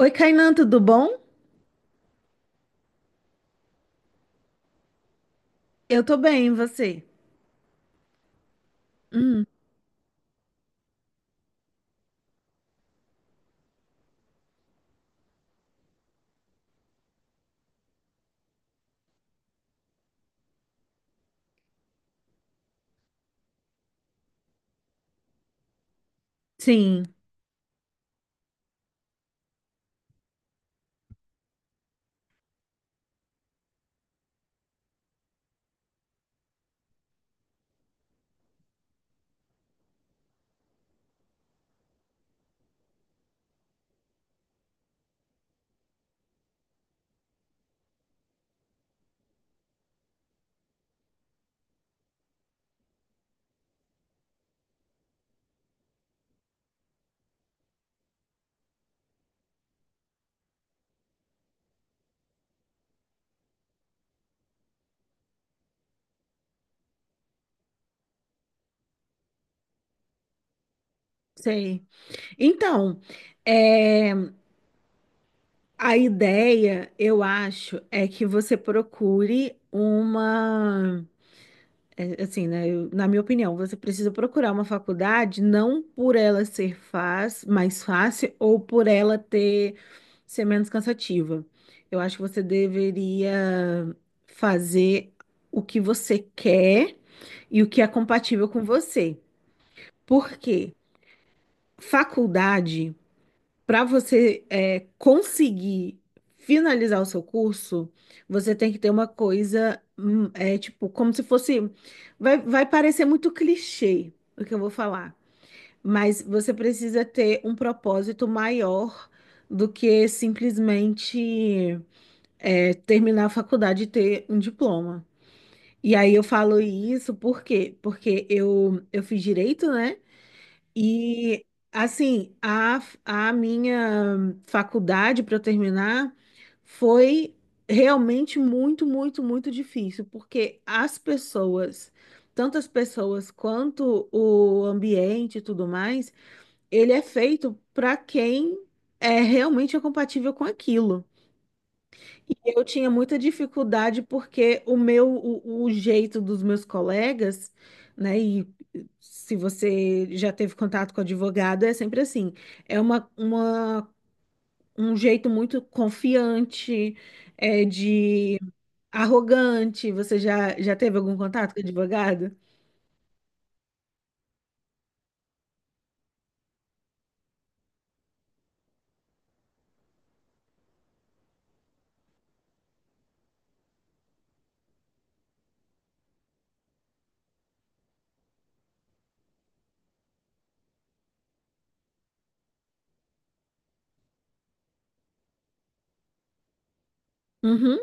Oi, Kainan, tudo bom? Eu tô bem, e você? Hum, sim, sei. Então, é, a ideia, eu acho, é que você procure uma, assim, né, na minha opinião, você precisa procurar uma faculdade não por ela ser faz, mais fácil ou por ela ter ser menos cansativa. Eu acho que você deveria fazer o que você quer e o que é compatível com você. Por quê? Faculdade, para você conseguir finalizar o seu curso, você tem que ter uma coisa, tipo, como se fosse. Vai parecer muito clichê o que eu vou falar, mas você precisa ter um propósito maior do que simplesmente terminar a faculdade e ter um diploma. E aí eu falo isso por quê? Porque eu fiz direito, né? E assim, a minha faculdade para eu terminar foi realmente muito, muito, muito difícil, porque as pessoas, tanto as pessoas quanto o ambiente e tudo mais, ele é feito para quem é realmente é compatível com aquilo. E eu tinha muita dificuldade porque o jeito dos meus colegas, né? E se você já teve contato com advogado, é sempre assim. É um jeito muito confiante, de arrogante. Você já teve algum contato com advogado? Uhum,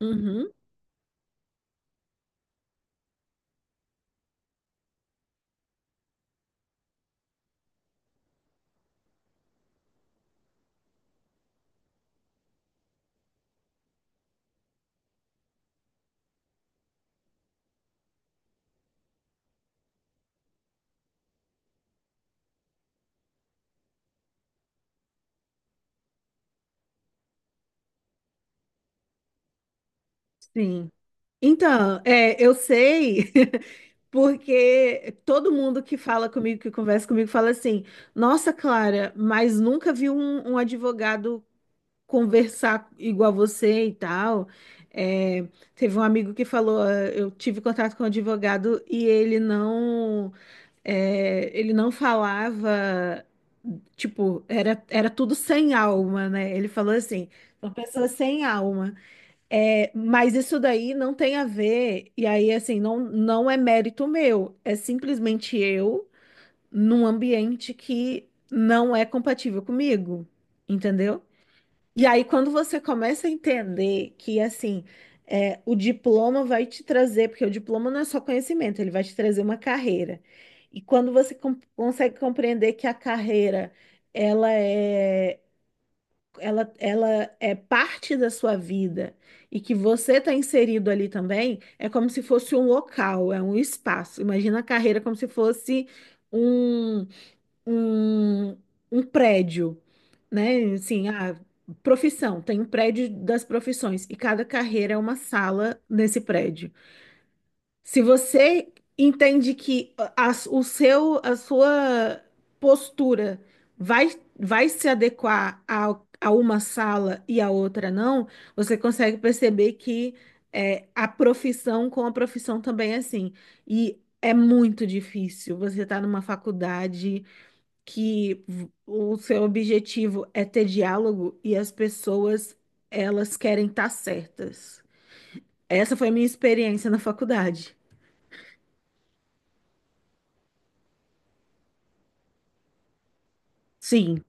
uhum, sim. Então, é, eu sei, porque todo mundo que fala comigo, que conversa comigo, fala assim: Nossa, Clara, mas nunca vi um advogado conversar igual você e tal. É, teve um amigo que falou: "Ah, eu tive contato com um advogado e ele ele não falava. Tipo, era tudo sem alma, né? Ele falou assim, uma pessoa sem alma. É, mas isso daí não tem a ver, e aí, assim, não é mérito meu, é simplesmente eu num ambiente que não é compatível comigo, entendeu? E aí, quando você começa a entender que, assim, é, o diploma vai te trazer, porque o diploma não é só conhecimento, ele vai te trazer uma carreira. E quando você consegue compreender que a carreira, ela ela é parte da sua vida e que você está inserido ali também, é como se fosse um local, é um espaço. Imagina a carreira como se fosse um, um, um prédio, né? Assim, a profissão, tem um prédio das profissões e cada carreira é uma sala nesse prédio. Se você entende que a sua postura vai, vai se adequar a uma sala e a outra não, você consegue perceber que é, a profissão com a profissão também é assim. E é muito difícil. Você está numa faculdade que o seu objetivo é ter diálogo e as pessoas, elas querem estar certas. Essa foi a minha experiência na faculdade. Sim.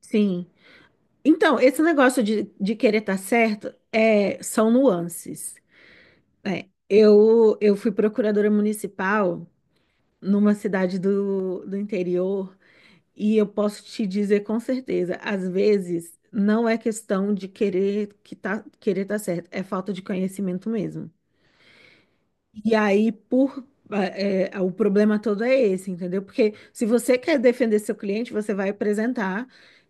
Sim. Então, esse negócio de querer estar certo é, são nuances. É, eu fui procuradora municipal numa cidade do interior e eu posso te dizer com certeza, às vezes não é questão de querer que tá, querer estar certo, é falta de conhecimento mesmo. E aí, o problema todo é esse, entendeu? Porque se você quer defender seu cliente, você vai apresentar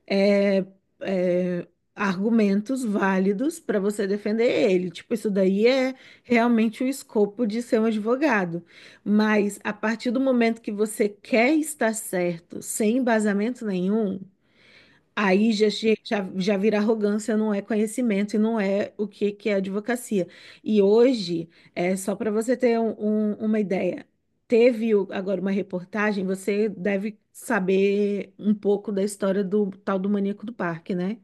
é, é, argumentos válidos para você defender ele. Tipo, isso daí é realmente o escopo de ser um advogado. Mas a partir do momento que você quer estar certo, sem embasamento nenhum, aí já vira arrogância, não é conhecimento e não é que é advocacia. E hoje, é só para você ter uma ideia, teve agora uma reportagem, você deve saber um pouco da história do tal do maníaco do parque, né?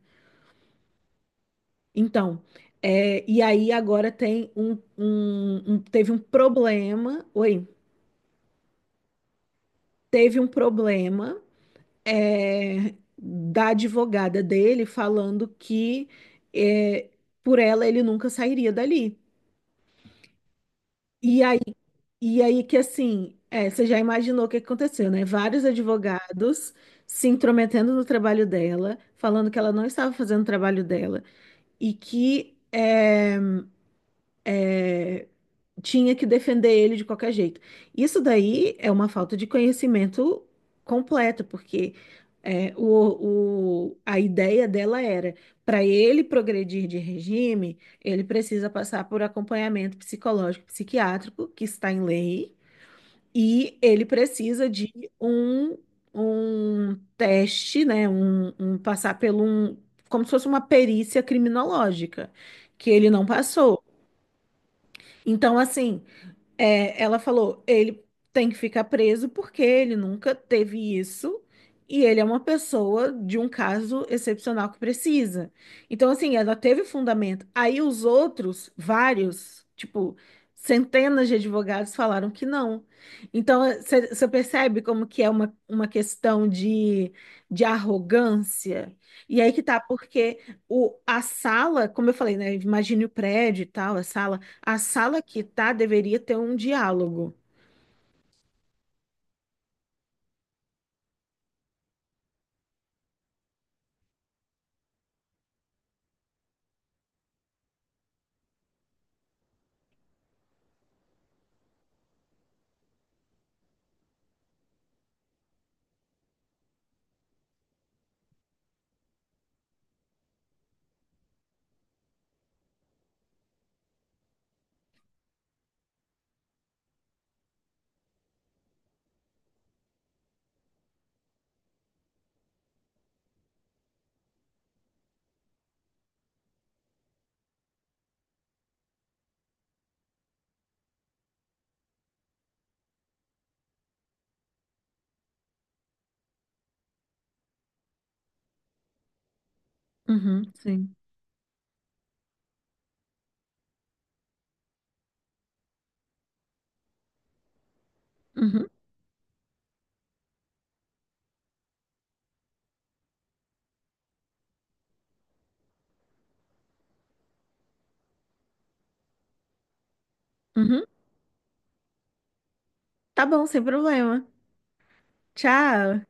Então, é, e aí agora tem teve um problema, oi, teve um problema da advogada dele falando que é, por ela ele nunca sairia dali. E aí, e aí que assim, é, você já imaginou o que que aconteceu, né? Vários advogados se intrometendo no trabalho dela, falando que ela não estava fazendo o trabalho dela e que eh, tinha que defender ele de qualquer jeito. Isso daí é uma falta de conhecimento completo, porque é, a ideia dela era, para ele progredir de regime, ele precisa passar por acompanhamento psicológico, psiquiátrico, que está em lei, e ele precisa de um, um teste, né, como se fosse uma perícia criminológica, que ele não passou. Então, assim, é, ela falou, ele tem que ficar preso porque ele nunca teve isso e ele é uma pessoa de um caso excepcional que precisa. Então, assim, ela teve fundamento. Aí os outros, vários, tipo, centenas de advogados falaram que não. Então, você percebe como que é uma questão de arrogância? E aí que tá, porque a sala, como eu falei, né? Imagine o prédio e tal, a sala que tá deveria ter um diálogo. Uhum, sim. Uhum, uhum. Tá bom, sem problema. Tchau.